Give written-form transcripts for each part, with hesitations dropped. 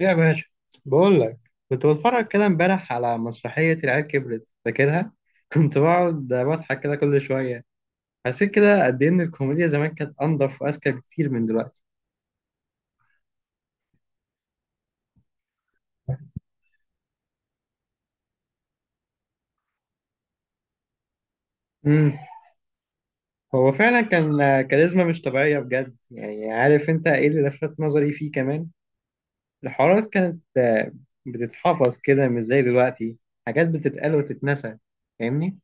يا باشا، بقول لك. كنت بتفرج كده امبارح على مسرحية العيال كبرت فاكرها كنت بقعد بضحك كده كل شوية. حسيت كده قد إيه إن الكوميديا زمان كانت أنضف وأذكى بكتير من دلوقتي. امم هو فعلا كان كاريزما مش طبيعية بجد. يعني عارف أنت إيه اللي لفت نظري فيه كمان؟ الحوارات كانت بتتحفظ كده، مش زي دلوقتي. حاجات بتتقال وتتنسى. فاهمني؟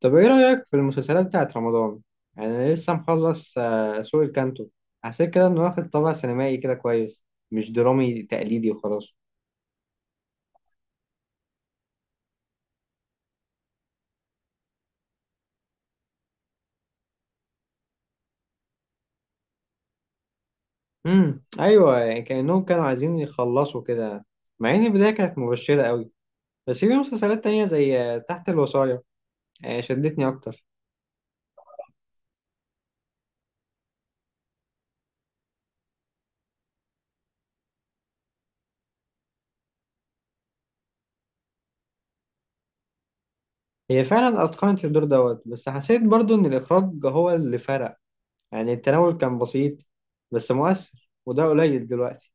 طب ايه رأيك في المسلسلات بتاعت رمضان؟ يعني انا لسه مخلص سوق الكانتو. حسيت كده انه واخد طابع سينمائي كده كويس. مش درامي تقليدي وخلاص. ايوه، يعني كأنهم كانوا عايزين يخلصوا كده. مع ان البداية كانت مبشرة قوي. بس في مسلسلات تانية زي تحت الوصاية، شدتني اكتر. هي فعلا اتقنت الدور دوت، بس حسيت برضو ان الاخراج هو اللي فرق. يعني التناول كان بسيط، بس مؤثر، وده قليل دلوقتي.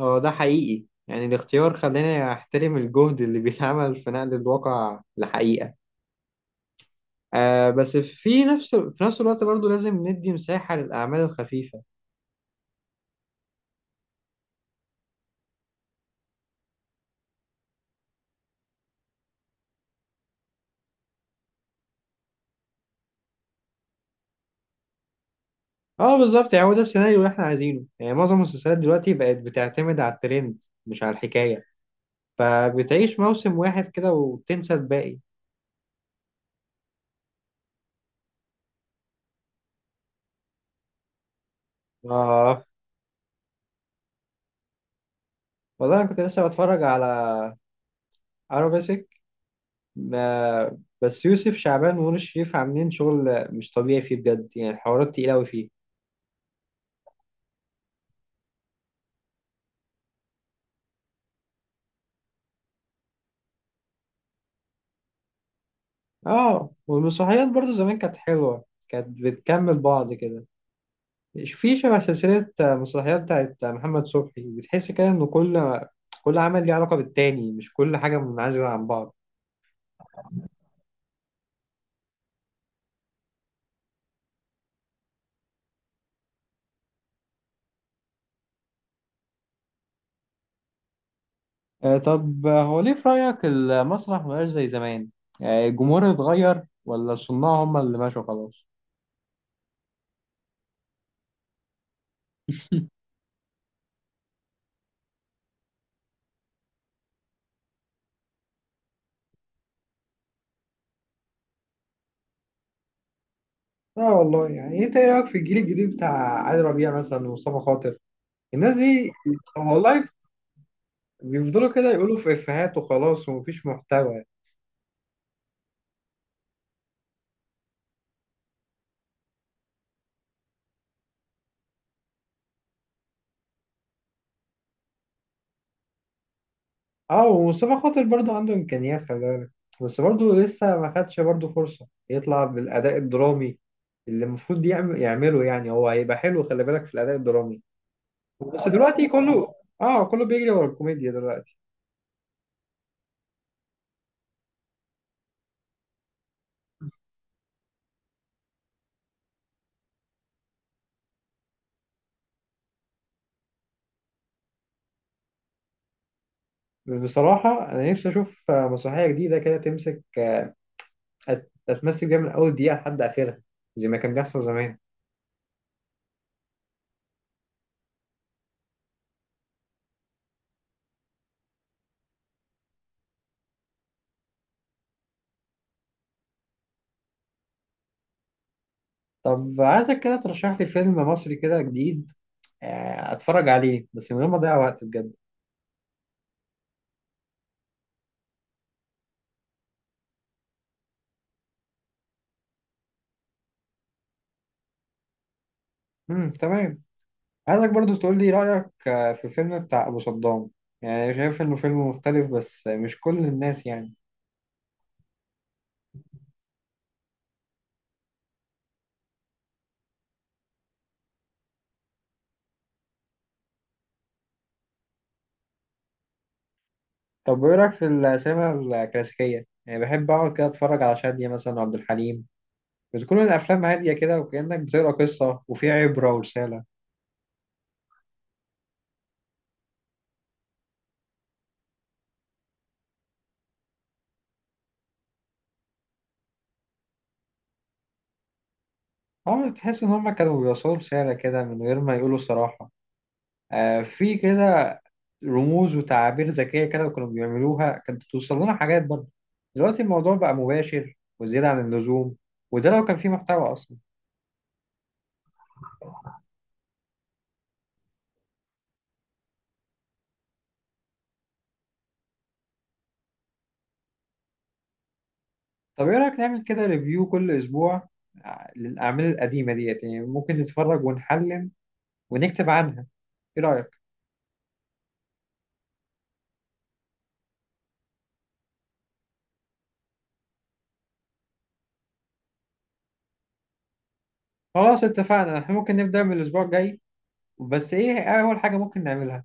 هو ده حقيقي. يعني الاختيار خلاني احترم الجهد اللي بيتعمل في نقل الواقع لحقيقة. بس في نفس الوقت برضو لازم ندي مساحة للأعمال الخفيفة. اه، بالظبط. يعني هو ده السيناريو اللي احنا عايزينه. يعني معظم المسلسلات دلوقتي بقت بتعتمد على الترند، مش على الحكاية. فبتعيش موسم واحد كده وتنسى الباقي. اه، والله أنا كنت لسه بتفرج على أرابيسك. آه، بس يوسف شعبان ونور الشريف عاملين شغل مش طبيعي فيه بجد. يعني الحوارات تقيلة أوي فيه. اه، والمسرحيات برضو زمان كانت حلوة، كانت بتكمل بعض كده. مش في شبه سلسلة مسرحيات بتاعت محمد صبحي، بتحس كده إن كل عمل ليه علاقة بالتاني، مش كل حاجة منعزلة عن بعض. آه، طب هو ليه في رأيك المسرح مبقاش زي زمان؟ الجمهور اتغير ولا الصناع هم اللي ماشوا خلاص؟ اه، والله، يعني انت ايه رايك في الجيل الجديد بتاع علي ربيع مثلا ومصطفى خاطر، الناس دي؟ والله بيفضلوا كده يقولوا في افيهات وخلاص ومفيش محتوى. اه، ومصطفى خاطر برضو عنده امكانيات، خلي بالك. بس برضو لسه ما خدش برضو فرصه يطلع بالاداء الدرامي اللي المفروض يعمل يعمله، يعني هو هيبقى حلو، خلي بالك في الاداء الدرامي. بس دلوقتي كله بيجري ورا الكوميديا دلوقتي. بصراحه انا نفسي اشوف مسرحيه جديده كده تمسك، تتمثل بيها من اول دقيقه لحد اخرها، زي ما كان بيحصل زمان. طب عايزك كده ترشح لي فيلم مصري كده جديد، اتفرج عليه بس من غير ما اضيع وقت بجد. تمام. عايزك برضو تقول لي رأيك في فيلم بتاع أبو صدام. يعني شايف إنه فيلم مختلف، بس مش كل الناس يعني. طب وإيه رأيك في السينما الكلاسيكية؟ يعني بحب أقعد كده أتفرج على شادية مثلا وعبد الحليم. بتكون الأفلام هادية كده، وكأنك بتقرأ قصة، وفي عبرة ورسالة. أه، تحس إن هما كانوا بيوصلوا رسالة كده من غير ما يقولوا صراحة. آه، في كده رموز وتعابير ذكية كده، وكانوا بيعملوها، كانت بتوصل لنا حاجات برضه. دلوقتي الموضوع بقى مباشر وزيادة عن اللزوم، وده لو كان فيه محتوى أصلا. طب ايه رأيك نعمل كده ريفيو كل اسبوع للأعمال القديمة ديت، يعني ممكن نتفرج ونحلل ونكتب عنها. ايه رأيك؟ خلاص، اتفقنا. احنا ممكن نبدأ من الاسبوع الجاي، بس ايه اول حاجة ممكن نعملها؟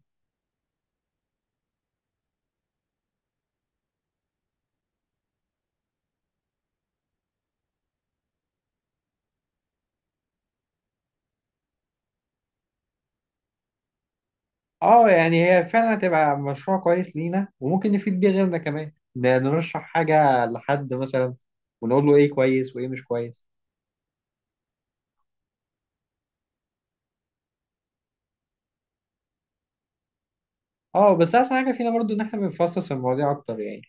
اه، يعني هي فعلا هتبقى مشروع كويس لينا، وممكن نفيد بيه غيرنا كمان، نرشح حاجة لحد مثلا، ونقول له ايه كويس وايه مش كويس. اه، بس احسن حاجة فينا برضو ان احنا بنفصص المواضيع اكتر يعني.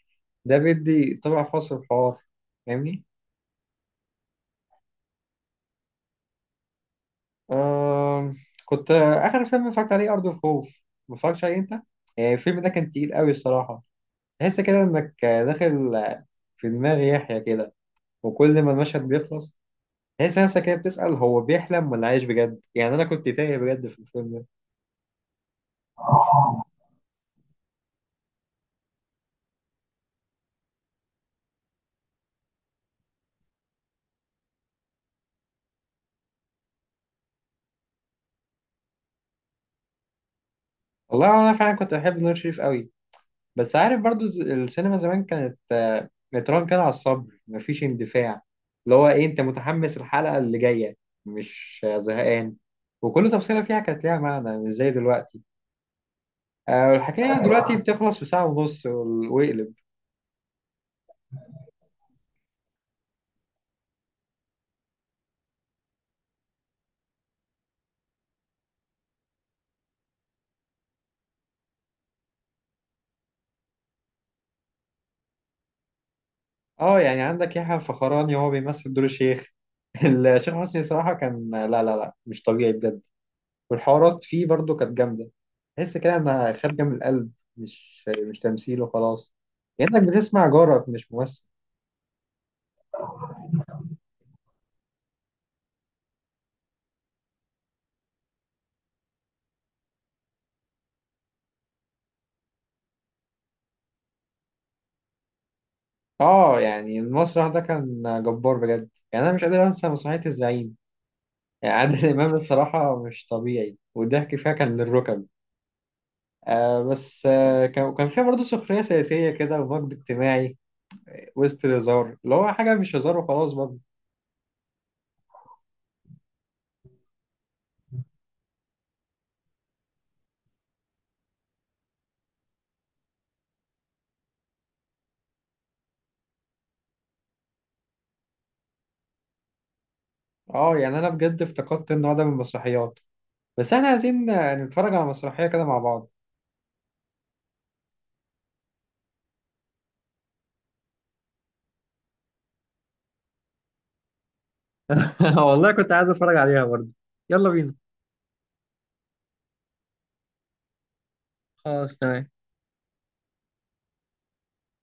ده بيدي طبع خاص للحوار. فاهمني؟ آه، كنت آخر فيلم اتفرجت عليه أرض الخوف. ما اتفرجتش عليه أنت؟ الفيلم ده كان تقيل قوي الصراحة. تحس كده إنك داخل في دماغ يحيى كده. وكل ما المشهد بيخلص تحس نفسك كده بتسأل، هو بيحلم ولا عايش بجد؟ يعني أنا كنت تايه بجد في الفيلم ده. والله أنا فعلا كنت بحب نور شريف قوي. بس عارف برضو السينما زمان كانت متران كده على الصبر، مفيش اندفاع. اللي هو ايه، انت متحمس الحلقة اللي جاية، مش زهقان. وكل تفصيلة فيها كانت ليها معنى، مش زي دلوقتي. والحكاية يعني دلوقتي بتخلص في ساعة ونص واقلب. اه، يعني عندك يحيى الفخراني وهو بيمثل دور الشيخ. الشيخ حسني صراحة كان لا لا لا مش طبيعي بجد. والحوارات فيه برضو كانت جامدة، تحس كده انها خارجة من القلب، مش تمثيل وخلاص. كأنك بتسمع جارك، مش ممثل. اه، يعني المسرح ده كان جبار بجد، يعني انا مش قادر انسى مسرحية الزعيم. يعني عادل امام، الصراحة مش طبيعي، والضحك فيها كان للركب. آه، بس كان فيها برضه سخرية سياسية كده، ومجد اجتماعي وسط الهزار، اللي هو حاجة مش هزار وخلاص برضه. اه، يعني انا بجد افتقدت النوع ده من المسرحيات. بس احنا عايزين نتفرج على مسرحية كده مع بعض. والله كنت عايز اتفرج عليها برضه. يلا بينا. خلاص، تمام.